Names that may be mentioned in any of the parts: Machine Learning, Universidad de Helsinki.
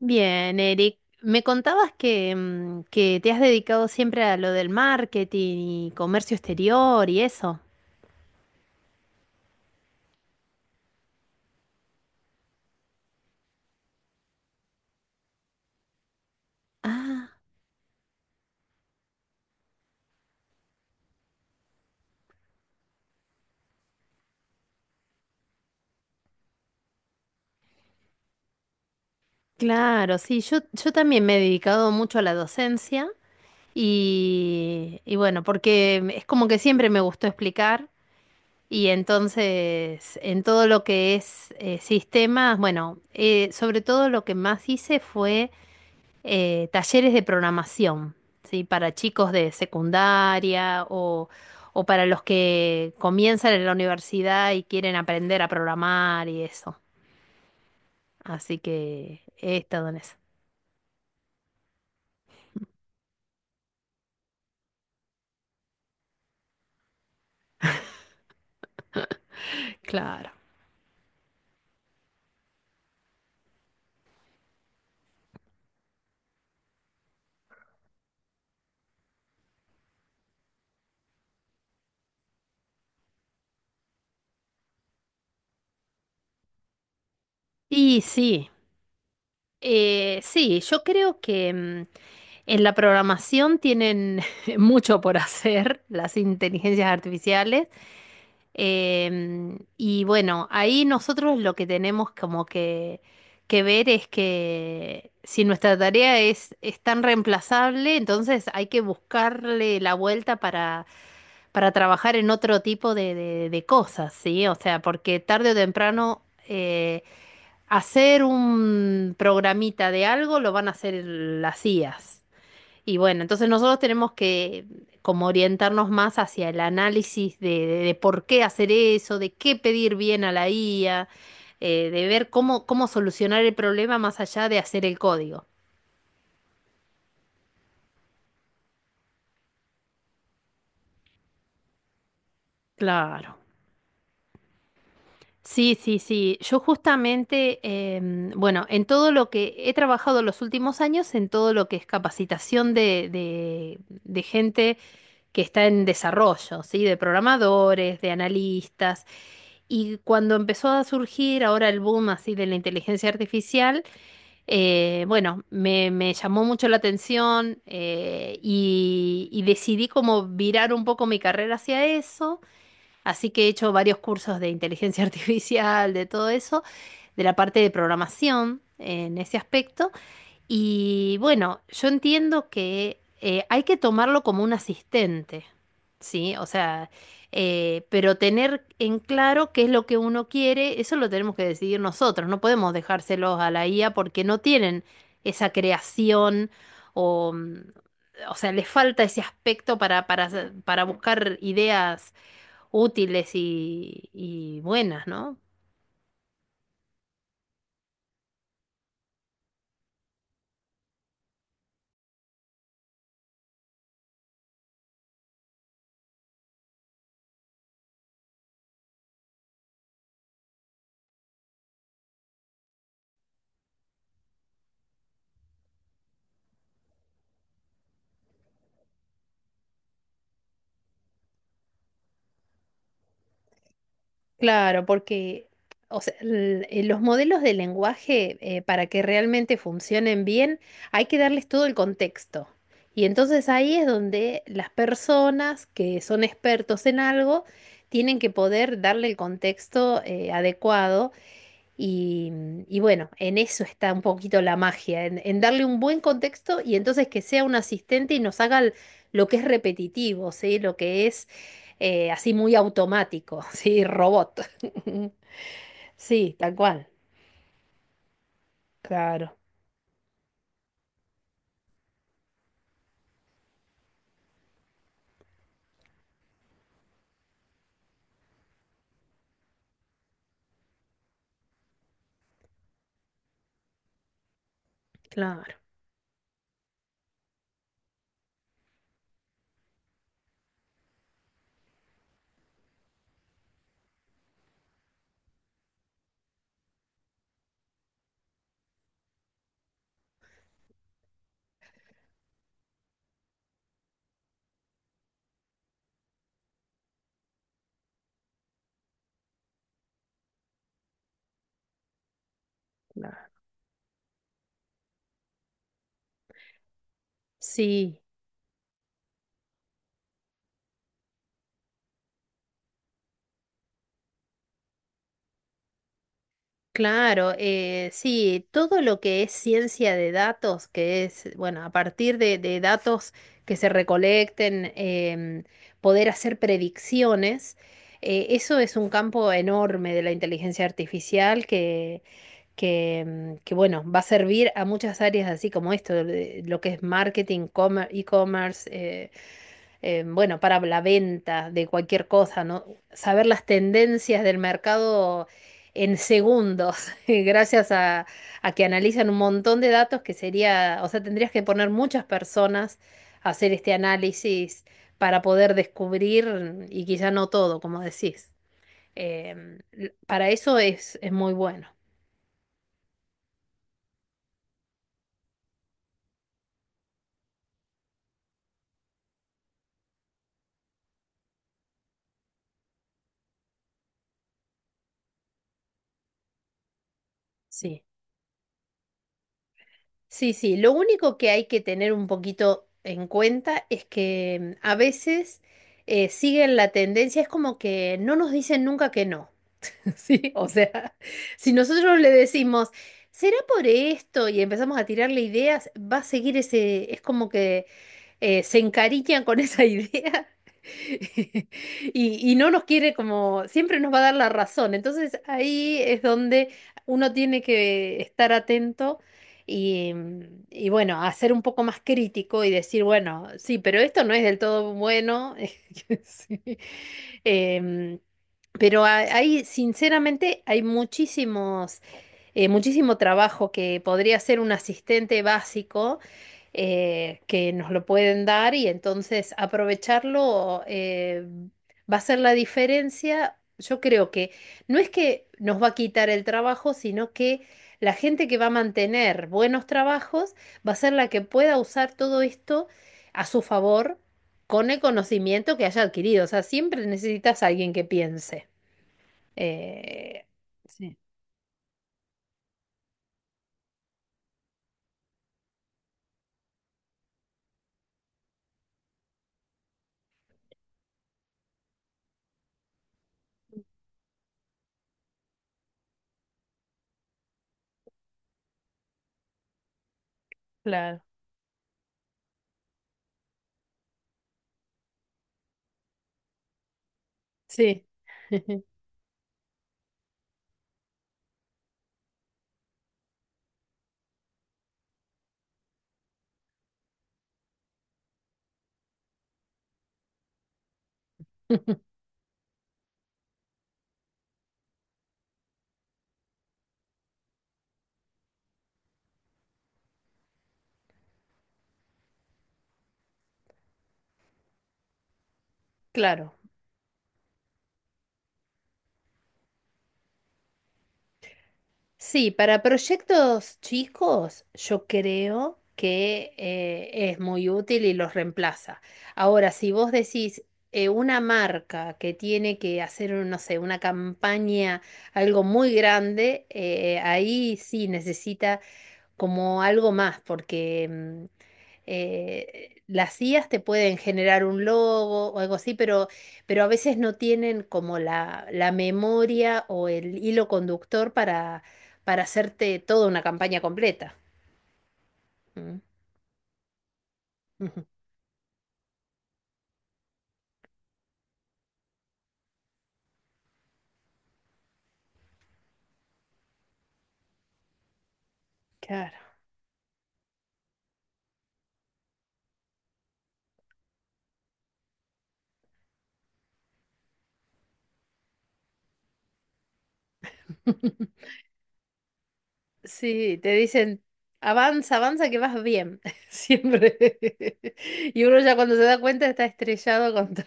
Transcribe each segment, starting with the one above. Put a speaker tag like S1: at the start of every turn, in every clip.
S1: Bien, Eric, me contabas que, que te has dedicado siempre a lo del marketing y comercio exterior y eso. Ah, claro, sí, yo también me he dedicado mucho a la docencia y bueno, porque es como que siempre me gustó explicar y entonces en todo lo que es sistemas, bueno, sobre todo lo que más hice fue talleres de programación. ¿Sí? Para chicos de secundaria o para los que comienzan en la universidad y quieren aprender a programar y eso. Así que he estado en eso. Claro. Y sí, sí, yo creo que en la programación tienen mucho por hacer las inteligencias artificiales. Y bueno, ahí nosotros lo que tenemos como que ver es que si nuestra tarea es tan reemplazable, entonces hay que buscarle la vuelta para trabajar en otro tipo de, de cosas, ¿sí? O sea, porque tarde o temprano eh, hacer un programita de algo lo van a hacer las IAs. Y bueno, entonces nosotros tenemos que como orientarnos más hacia el análisis de, de por qué hacer eso, de qué pedir bien a la IA, de ver cómo, cómo solucionar el problema más allá de hacer el código. Claro. Sí, sí, sí. Yo justamente, bueno, en todo lo que he trabajado los últimos años, en todo lo que es capacitación de gente que está en desarrollo, ¿sí? De programadores, de analistas. Y cuando empezó a surgir ahora el boom así de la inteligencia artificial, bueno, me llamó mucho la atención y decidí como virar un poco mi carrera hacia eso. Así que he hecho varios cursos de inteligencia artificial, de todo eso, de la parte de programación en ese aspecto. Y bueno, yo entiendo que hay que tomarlo como un asistente, ¿sí? O sea, pero tener en claro qué es lo que uno quiere, eso lo tenemos que decidir nosotros, no podemos dejárselos a la IA porque no tienen esa creación o, mm, o sea, les falta ese aspecto para, para buscar ideas útiles y buenas, ¿no? Claro, porque o sea, los modelos de lenguaje, para que realmente funcionen bien, hay que darles todo el contexto. Y entonces ahí es donde las personas que son expertos en algo tienen que poder darle el contexto, adecuado y, y bueno, en eso está un poquito la magia, en darle un buen contexto y entonces que sea un asistente y nos haga lo que es repetitivo, ¿sí? Lo que es así muy automático. ¿Sí? Robot. Sí, tal cual. Claro, claro, claro. Sí. Claro, sí, todo lo que es ciencia de datos, que es, bueno, a partir de datos que se recolecten, poder hacer predicciones, eso es un campo enorme de la inteligencia artificial que bueno, va a servir a muchas áreas así como esto, lo que es marketing, e-commerce, bueno, para la venta de cualquier cosa, ¿no? Saber las tendencias del mercado en segundos, gracias a que analizan un montón de datos que sería, o sea, tendrías que poner muchas personas a hacer este análisis para poder descubrir, y quizá no todo, como decís. Para eso es muy bueno, sí. Sí, sí, lo único que hay que tener un poquito en cuenta es que a veces siguen la tendencia, es como que no nos dicen nunca que no, ¿sí? O sea, si nosotros le decimos, será por esto y empezamos a tirarle ideas, va a seguir ese, es como que se encariñan con esa idea y no nos quiere como, siempre nos va a dar la razón. Entonces ahí es donde uno tiene que estar atento y, y bueno, hacer un poco más crítico y decir, bueno, sí, pero esto no es del todo bueno. Sí. Em, hay, sinceramente, hay muchísimos muchísimo trabajo que podría ser un asistente básico que nos lo pueden dar y entonces aprovecharlo va a ser la diferencia. Yo creo que no es que nos va a quitar el trabajo, sino que la gente que va a mantener buenos trabajos va a ser la que pueda usar todo esto a su favor con el conocimiento que haya adquirido. O sea, siempre necesitas a alguien que piense. Eh, Sí. Sí, claro. Sí, para proyectos chicos yo creo que es muy útil y los reemplaza. Ahora, si vos decís una marca que tiene que hacer, no sé, una campaña, algo muy grande, ahí sí necesita como algo más, porque las IAs te pueden generar un logo o algo así, pero a veces no tienen como la memoria o el hilo conductor para hacerte toda una campaña completa. Mm. Ujú. Claro. Sí, te dicen, avanza, avanza, que vas bien, siempre. Y uno ya cuando se da cuenta está estrellado contra,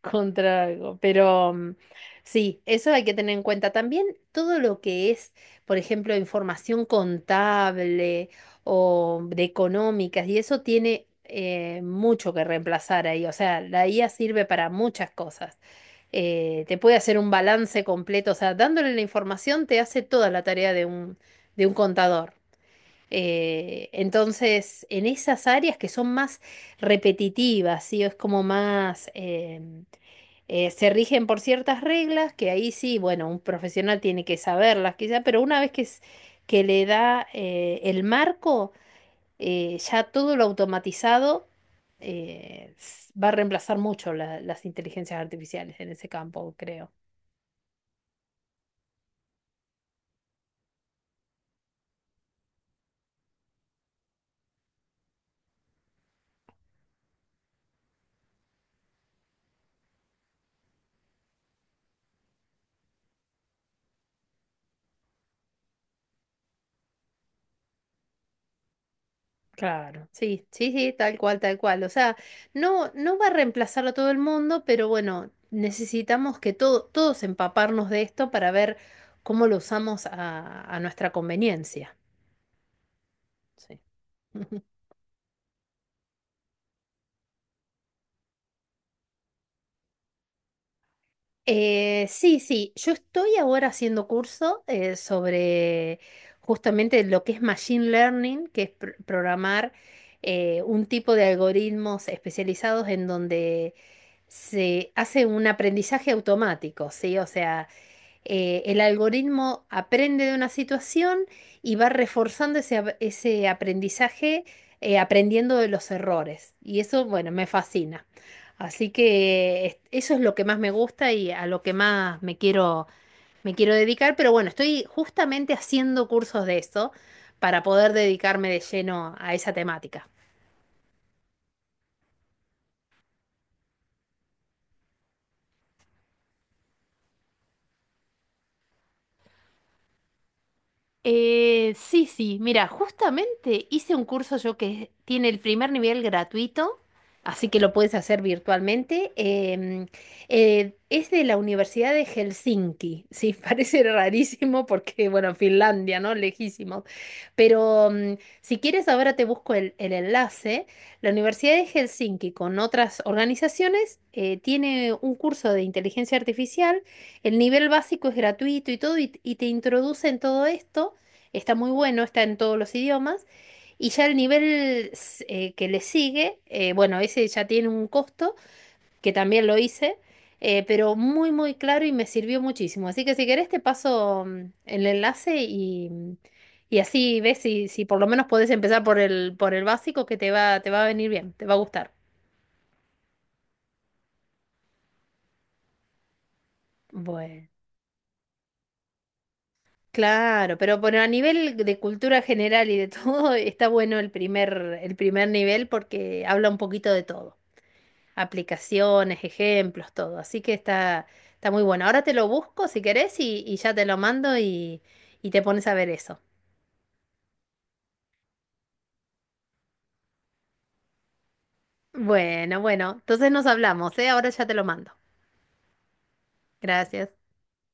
S1: contra algo. Pero sí, eso hay que tener en cuenta. También todo lo que es, por ejemplo, información contable o de económicas, y eso tiene mucho que reemplazar ahí. O sea, la IA sirve para muchas cosas. Te puede hacer un balance completo, o sea, dándole la información te hace toda la tarea de un contador. Entonces, en esas áreas que son más repetitivas, ¿sí? O es como más... se rigen por ciertas reglas que ahí sí, bueno, un profesional tiene que saberlas quizá, pero una vez que le da el marco, ya todo lo automatizado va a reemplazar mucho las inteligencias artificiales en ese campo, creo. Claro. Sí, sí, sí, tal cual, tal cual. O sea, no, no va a reemplazar a todo el mundo, pero bueno, necesitamos que todos empaparnos de esto para ver cómo lo usamos a nuestra conveniencia. Sí. Sí, sí, yo estoy ahora haciendo curso sobre justamente lo que es Machine Learning, que es programar un tipo de algoritmos especializados en donde se hace un aprendizaje automático, ¿sí? O sea, el algoritmo aprende de una situación y va reforzando ese, ese aprendizaje aprendiendo de los errores. Y eso, bueno, me fascina. Así que eso es lo que más me gusta y a lo que más me quiero dedicar. Pero bueno, estoy justamente haciendo cursos de eso para poder dedicarme de lleno a esa temática. Sí, sí, mira, justamente hice un curso yo que tiene el primer nivel gratuito, así que lo puedes hacer virtualmente. Es de la Universidad de Helsinki, sí, parece rarísimo porque, bueno, Finlandia, ¿no? Lejísimo. Pero si quieres, ahora te busco el enlace. La Universidad de Helsinki con otras organizaciones tiene un curso de inteligencia artificial. El nivel básico es gratuito y todo, y te introduce en todo esto. Está muy bueno, está en todos los idiomas. Y ya el nivel que le sigue, bueno, ese ya tiene un costo, que también lo hice, pero muy, muy claro y me sirvió muchísimo. Así que si querés te paso el enlace y así ves si, si por lo menos podés empezar por el básico que te va a venir bien, te va a gustar. Bueno, claro, pero bueno, a nivel de cultura general y de todo, está bueno el primer nivel porque habla un poquito de todo, aplicaciones, ejemplos, todo. Así que está, está muy bueno. Ahora te lo busco si querés y ya te lo mando y te pones a ver eso. Bueno, bueno, entonces nos hablamos, ¿eh? Ahora ya te lo mando. Gracias.